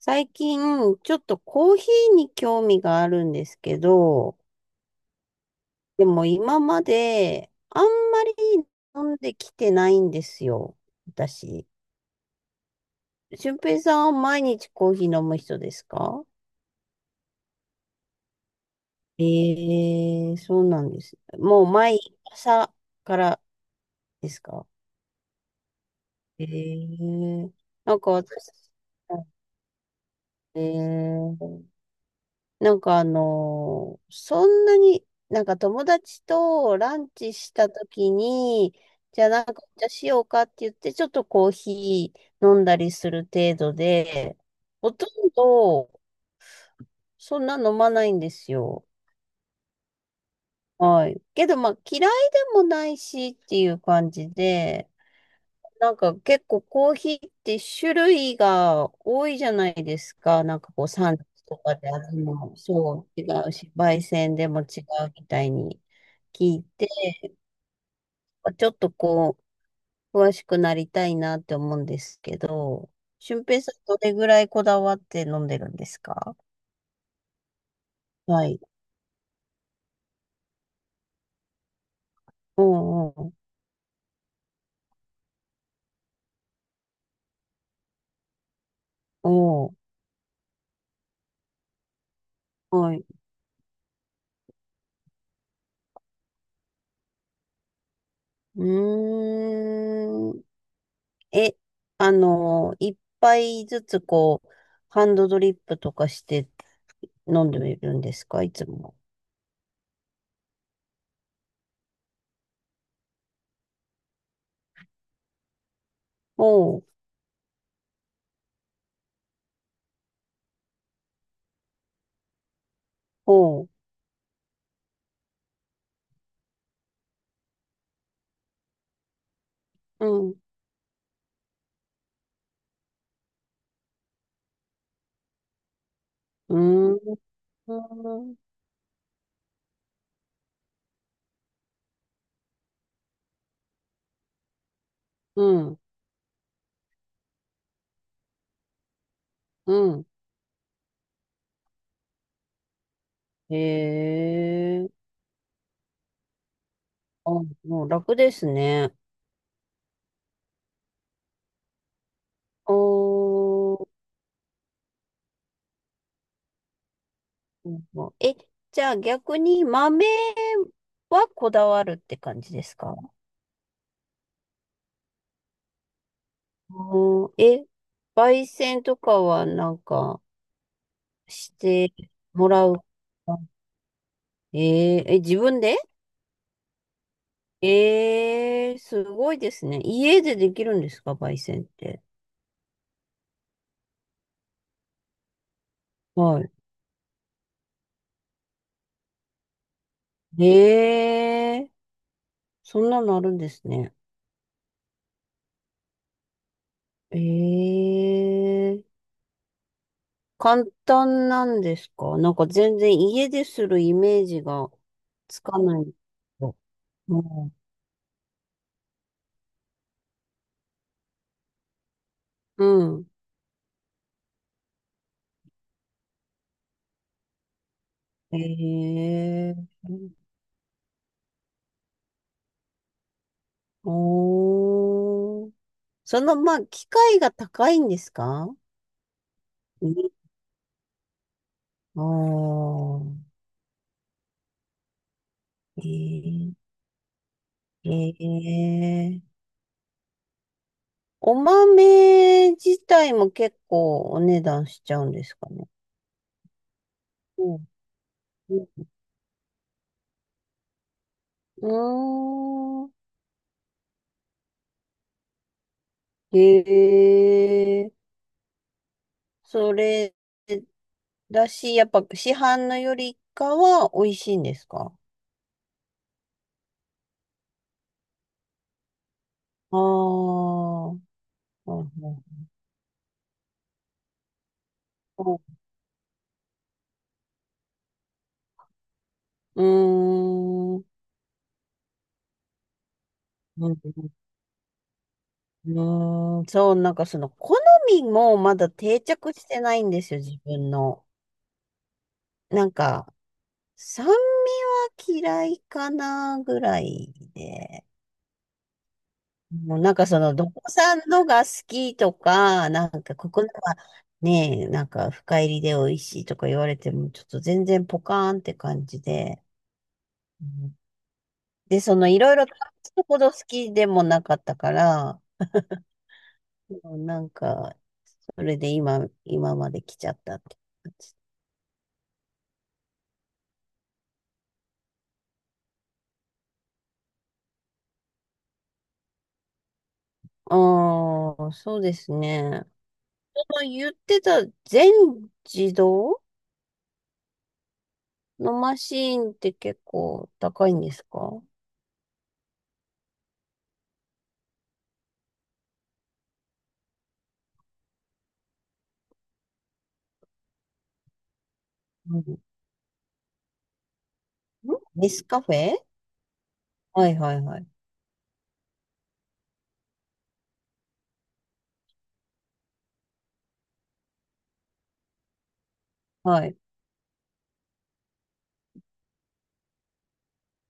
最近、ちょっとコーヒーに興味があるんですけど、でも今まであんまり飲んできてないんですよ、私。俊平さんは毎日コーヒー飲む人ですか？ええー、そうなんです。もう毎朝からですか？ええー、なんか私、ええ、なんかそんなに、なんか友達とランチした時に、じゃあなんかお茶しようかって言って、ちょっとコーヒー飲んだりする程度で、ほとんどそんな飲まないんですよ。はい。けどまあ嫌いでもないしっていう感じで、なんか結構コーヒーって種類が多いじゃないですか。なんかこう産地とかで味もそう違うし、焙煎でも違うみたいに聞いて、ちょっとこう詳しくなりたいなって思うんですけど、俊平さんどれぐらいこだわって飲んでるんですか？はい。おうおうおう、はい。うーん。え、一杯ずつこう、ハンドドリップとかして飲んでみるんですか、いつも？ほう、ほう、うん、うーん、うん、うん。へえ、あ、もう楽ですね。おー、え、じゃあ逆に豆はこだわるって感じですか？おん、え、焙煎とかはなんかしてもらう。えー、え、自分で、えー、すごいですね。家でできるんですか、焙煎って？はい。ええ、そんなのあるんですね。ええ、簡単なんですか？なんか全然家でするイメージがつかない。うん。うん。ええ、おー。その、まあ、機械が高いんですか？ああー、ええええ、お豆自体も結構お値段しちゃうんですかね？うーん。へえ。それだし、やっぱ市販のよりかは美味しいんですか？ああー。うんうんうん。うーん。うんうん、そう、なんかその好みもまだ定着してないんですよ、自分の。なんか、サンマ嫌いかなぐらいで。もうなんかその、どこさんのが好きとか、なんかここのはね、なんか深入りで美味しいとか言われても、ちょっと全然ポカーンって感じで。うん、で、そのいろいろ食べほど好きでもなかったから、もうなんか、それで今まで来ちゃったって感じ。ああ、そうですね。その言ってた全自動のマシーンって結構高いんですか？うん。ん、ネスカフェ、はいはいはい。はい。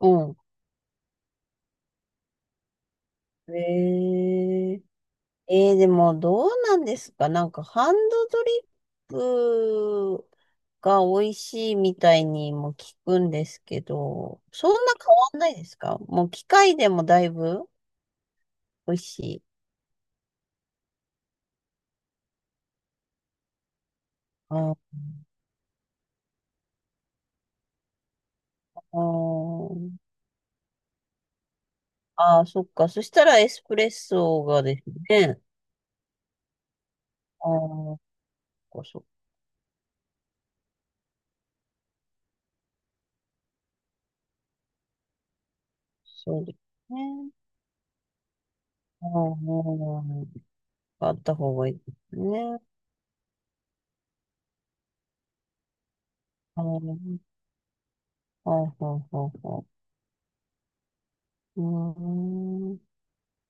うん。ー、でもどうなんですかなんかハンドドリップが美味しいみたいにも聞くんですけど、そんな変わんないですか？もう機械でもだいぶ美味しい。あーあー、あーそっか。そしたらエスプレッソがですね。ああ、そっかそっか、そうですね。ああ、あった方がいいですね。ほうほうほうほう。うーん。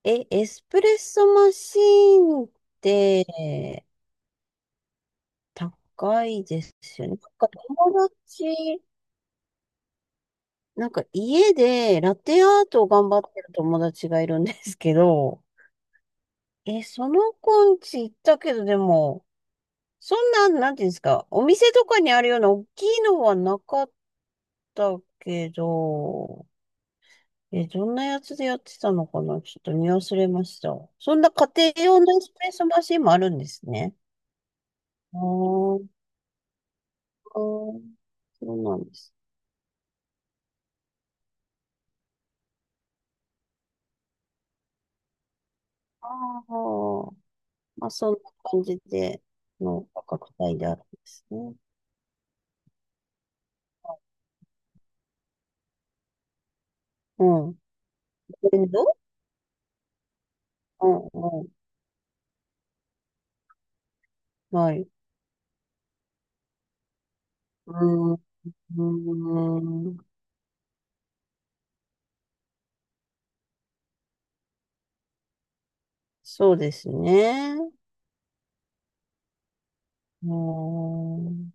え、エスプレッソマシーンって高いですよね。なんか友達、なんか家でラテアートを頑張ってる友達がいるんですけど、え、その子んチ行ったけど、でも、そんな、なんていうんですか、お店とかにあるような大きいのはなかったけど、え、どんなやつでやってたのかな、ちょっと見忘れました。そんな家庭用のエスプレッソマシンもあるんですね。あーあー、そうなんです。ああ、まあそんな感じでの価格帯であるんですね。うん。ブレンド、うんうん。はい。うーん、うーん、そうですね。うーん。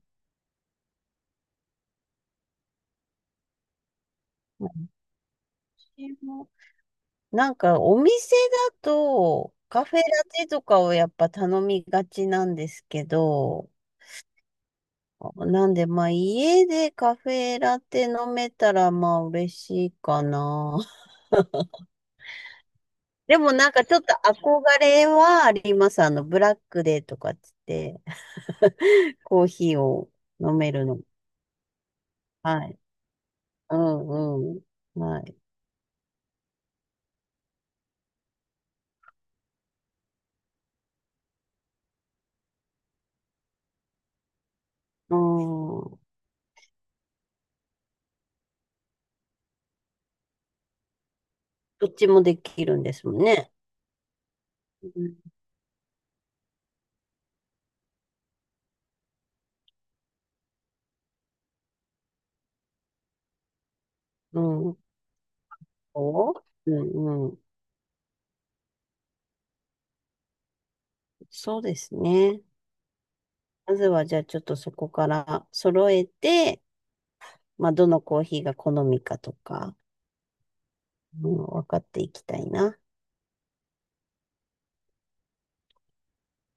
なんかお店だとカフェラテとかをやっぱ頼みがちなんですけど、なんでまあ家でカフェラテ飲めたらまあ嬉しいかな。でもなんかちょっと憧れはあります。あのブラックデーとかっつってコーヒーを飲めるの。はい。うんうん。はい。うん。どっちもできるんですもんね。うん。うん。おうんうん。そうですね。まずはじゃあちょっとそこから揃えて、まあどのコーヒーが好みかとか、うん、分かっていきたいな。